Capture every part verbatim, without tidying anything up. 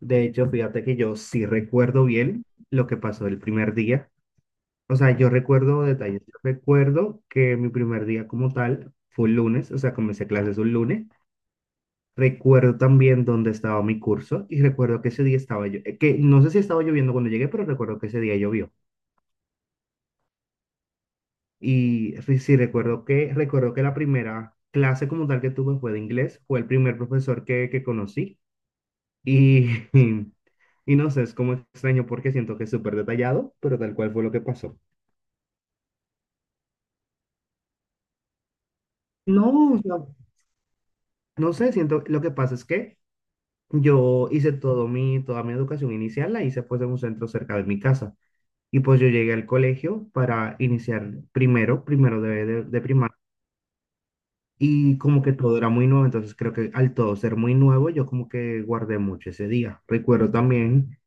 De hecho, fíjate que yo sí recuerdo bien lo que pasó el primer día. O sea, yo recuerdo detalles. Yo recuerdo que mi primer día como tal fue un lunes, o sea, comencé clases un lunes. Recuerdo también dónde estaba mi curso y recuerdo que ese día estaba yo, eh, que no sé si estaba lloviendo cuando llegué, pero recuerdo que ese día llovió. Y re- sí recuerdo que recuerdo que la primera clase como tal que tuve fue de inglés, fue el primer profesor que, que conocí. Y, y no sé, es como extraño porque siento que es súper detallado, pero tal cual fue lo que pasó. No, o sea, no sé, siento, lo que pasa es que yo hice todo mi, toda mi educación inicial, la hice pues en un centro cerca de mi casa. Y pues yo llegué al colegio para iniciar primero, primero de, de, de primaria. Y como que todo era muy nuevo, entonces creo que al todo ser muy nuevo, yo como que guardé mucho ese día. Recuerdo también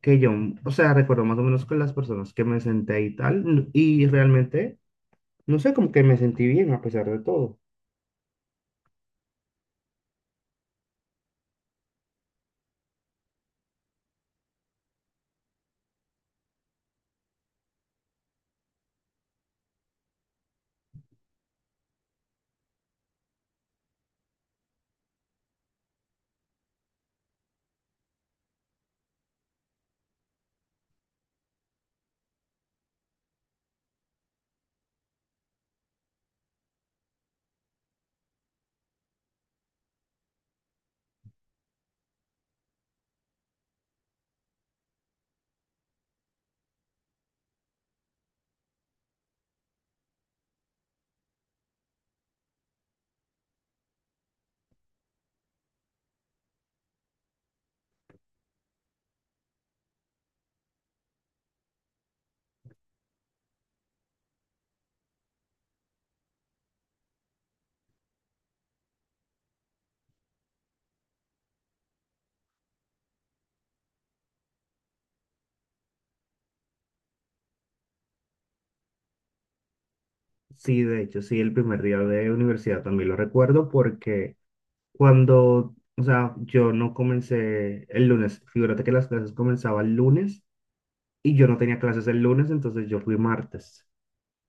que yo, o sea, recuerdo más o menos con las personas que me senté y tal, y realmente no sé, como que me sentí bien a pesar de todo. Sí, de hecho, sí, el primer día de universidad también lo recuerdo porque cuando, o sea, yo no comencé el lunes, figúrate que las clases comenzaban el lunes y yo no tenía clases el lunes, entonces yo fui martes.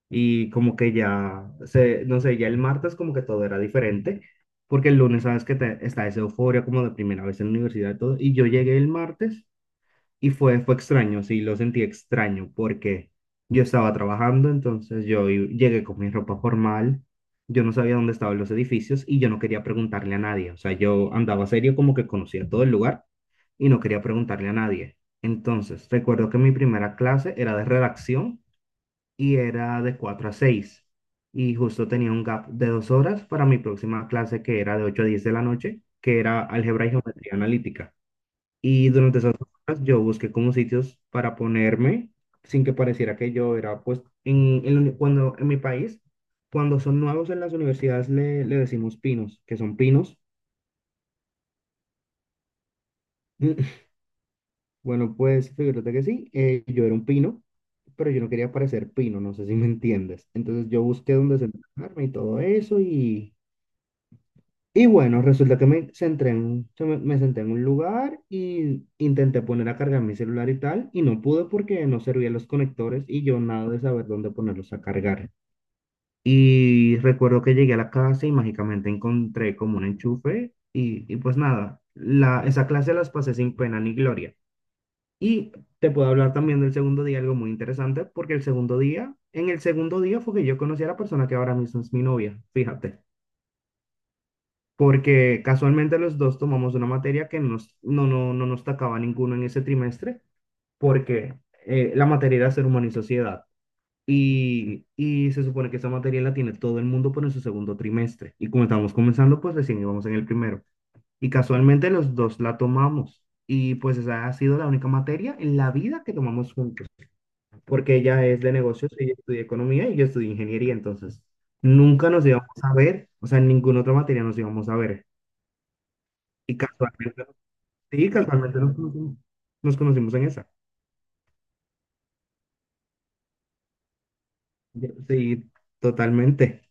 Y como que ya, se, no sé, ya el martes como que todo era diferente, porque el lunes sabes que te- está esa euforia como de primera vez en la universidad y todo, y yo llegué el martes. Y fue, fue extraño, sí, lo sentí extraño porque yo estaba trabajando, entonces yo i- llegué con mi ropa formal, yo no sabía dónde estaban los edificios y yo no quería preguntarle a nadie. O sea, yo andaba serio como que conocía todo el lugar y no quería preguntarle a nadie. Entonces, recuerdo que mi primera clase era de redacción y era de cuatro a seis y justo tenía un gap de dos horas para mi próxima clase, que era de ocho a diez de la noche, que era álgebra y geometría analítica. Y durante esas horas yo busqué como sitios para ponerme sin que pareciera que yo era, pues, en, en la uni- cuando en mi país, cuando son nuevos en las universidades le, le decimos pinos, que son pinos. Bueno, pues fíjate que sí, eh, yo era un pino, pero yo no quería parecer pino, no sé si me entiendes. Entonces yo busqué dónde sentarme y todo eso y, Y bueno, resulta que me senté en, un- se me, me senté en un lugar y intenté poner a cargar mi celular y tal, y no pude porque no servían los conectores y yo nada de saber dónde ponerlos a cargar. Y recuerdo que llegué a la casa y mágicamente encontré como un enchufe y, y pues nada, la, esa clase las pasé sin pena ni gloria. Y te puedo hablar también del segundo día, algo muy interesante, porque el segundo día, en el segundo día fue que yo conocí a la persona que ahora mismo es mi novia, fíjate, porque casualmente los dos tomamos una materia que no nos- no, no, no nos tocaba ninguno en ese trimestre, porque eh, la materia era Ser Humano y Sociedad. Y, y se supone que esa materia la tiene todo el mundo por en su segundo trimestre. Y como estábamos comenzando, pues recién íbamos en el primero. Y casualmente los dos la tomamos. Y pues esa ha sido la única materia en la vida que tomamos juntos, porque ella es de negocios, ella estudia economía y yo estudio ingeniería, entonces nunca nos íbamos a ver, o sea, en ninguna otra materia nos íbamos a ver. Y casualmente Sí, casualmente nos conocimos, nos conocimos en esa. Yo- Sí, totalmente.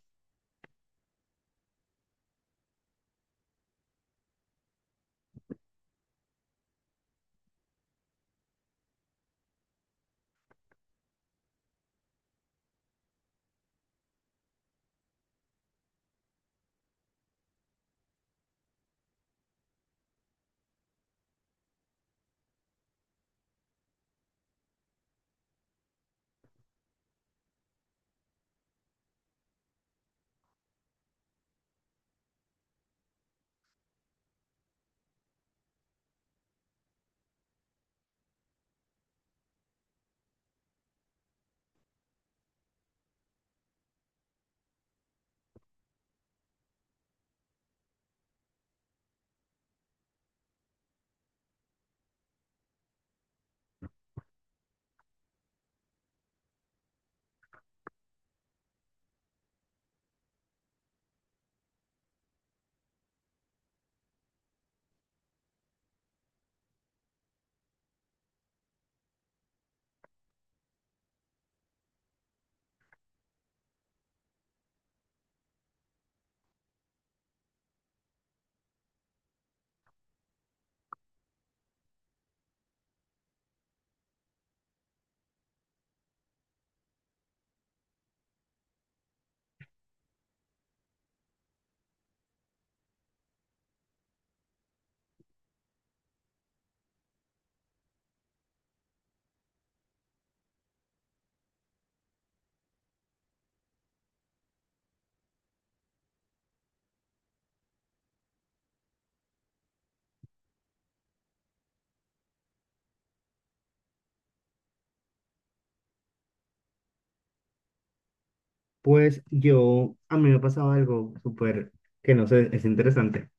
Pues yo, a mí me pasaba algo súper, que no sé, es interesante.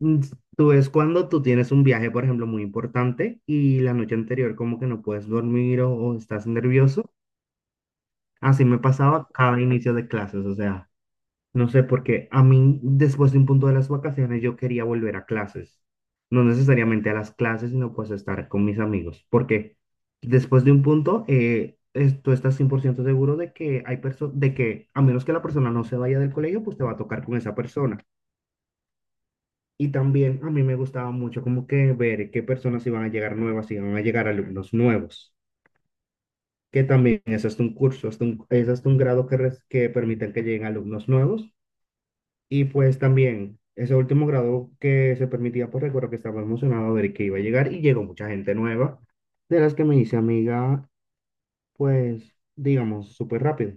Mm, Tú es cuando tú tienes un viaje, por ejemplo, muy importante y la noche anterior como que no puedes dormir o, o estás nervioso. Así me pasaba cada inicio de clases, o sea. No sé, porque a mí después de un punto de las vacaciones yo quería volver a clases. No necesariamente a las clases, sino pues estar con mis amigos. Porque después de un punto, eh, es- tú estás cien por ciento seguro de que hay perso- de que a menos que la persona no se vaya del colegio, pues te va a tocar con esa persona. Y también a mí me gustaba mucho como que ver qué personas iban a llegar nuevas, si iban a llegar alumnos nuevos. Que también es hasta un curso, hasta un, es hasta un grado que, res- que permiten que lleguen alumnos nuevos. Y pues también, ese último grado que se permitía, pues recuerdo que estaba emocionado de que iba a llegar y llegó mucha gente nueva, de las que me hice amiga, pues, digamos, súper rápido.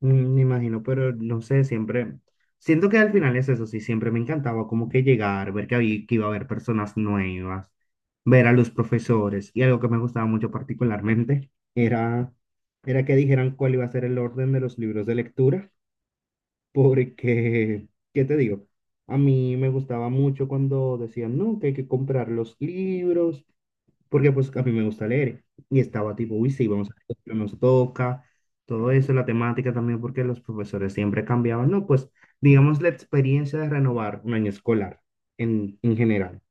Mm, Me imagino, pero no sé, siempre, siento que al final es eso, sí, siempre me encantaba como que llegar, ver que, había, que iba a haber personas nuevas, ver a los profesores. Y algo que me gustaba mucho particularmente era, era que dijeran cuál iba a ser el orden de los libros de lectura. Porque, ¿qué te digo? A mí me gustaba mucho cuando decían, no, que hay que comprar los libros, porque pues a mí me gusta leer. Y estaba tipo, uy, sí, vamos a ver qué nos toca, todo eso, la temática también, porque los profesores siempre cambiaban, ¿no? Pues, digamos, la experiencia de renovar un año escolar en, en general.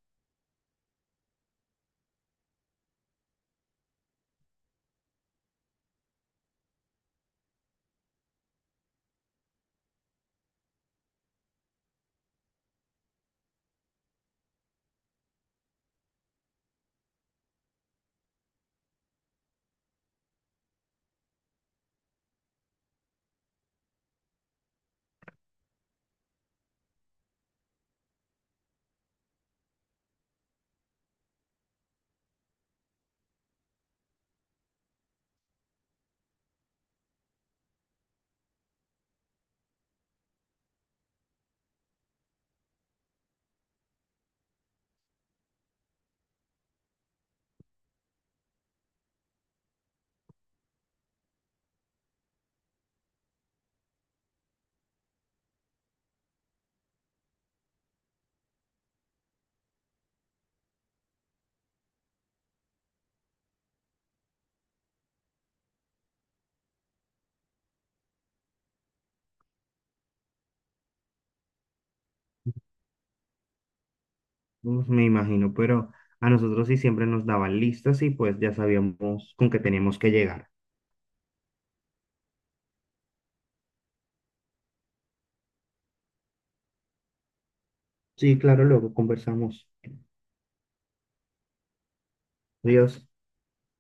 Pues, me imagino, pero a nosotros sí siempre nos daban listas y pues ya sabíamos con qué teníamos que llegar. Sí, claro, luego conversamos. Adiós.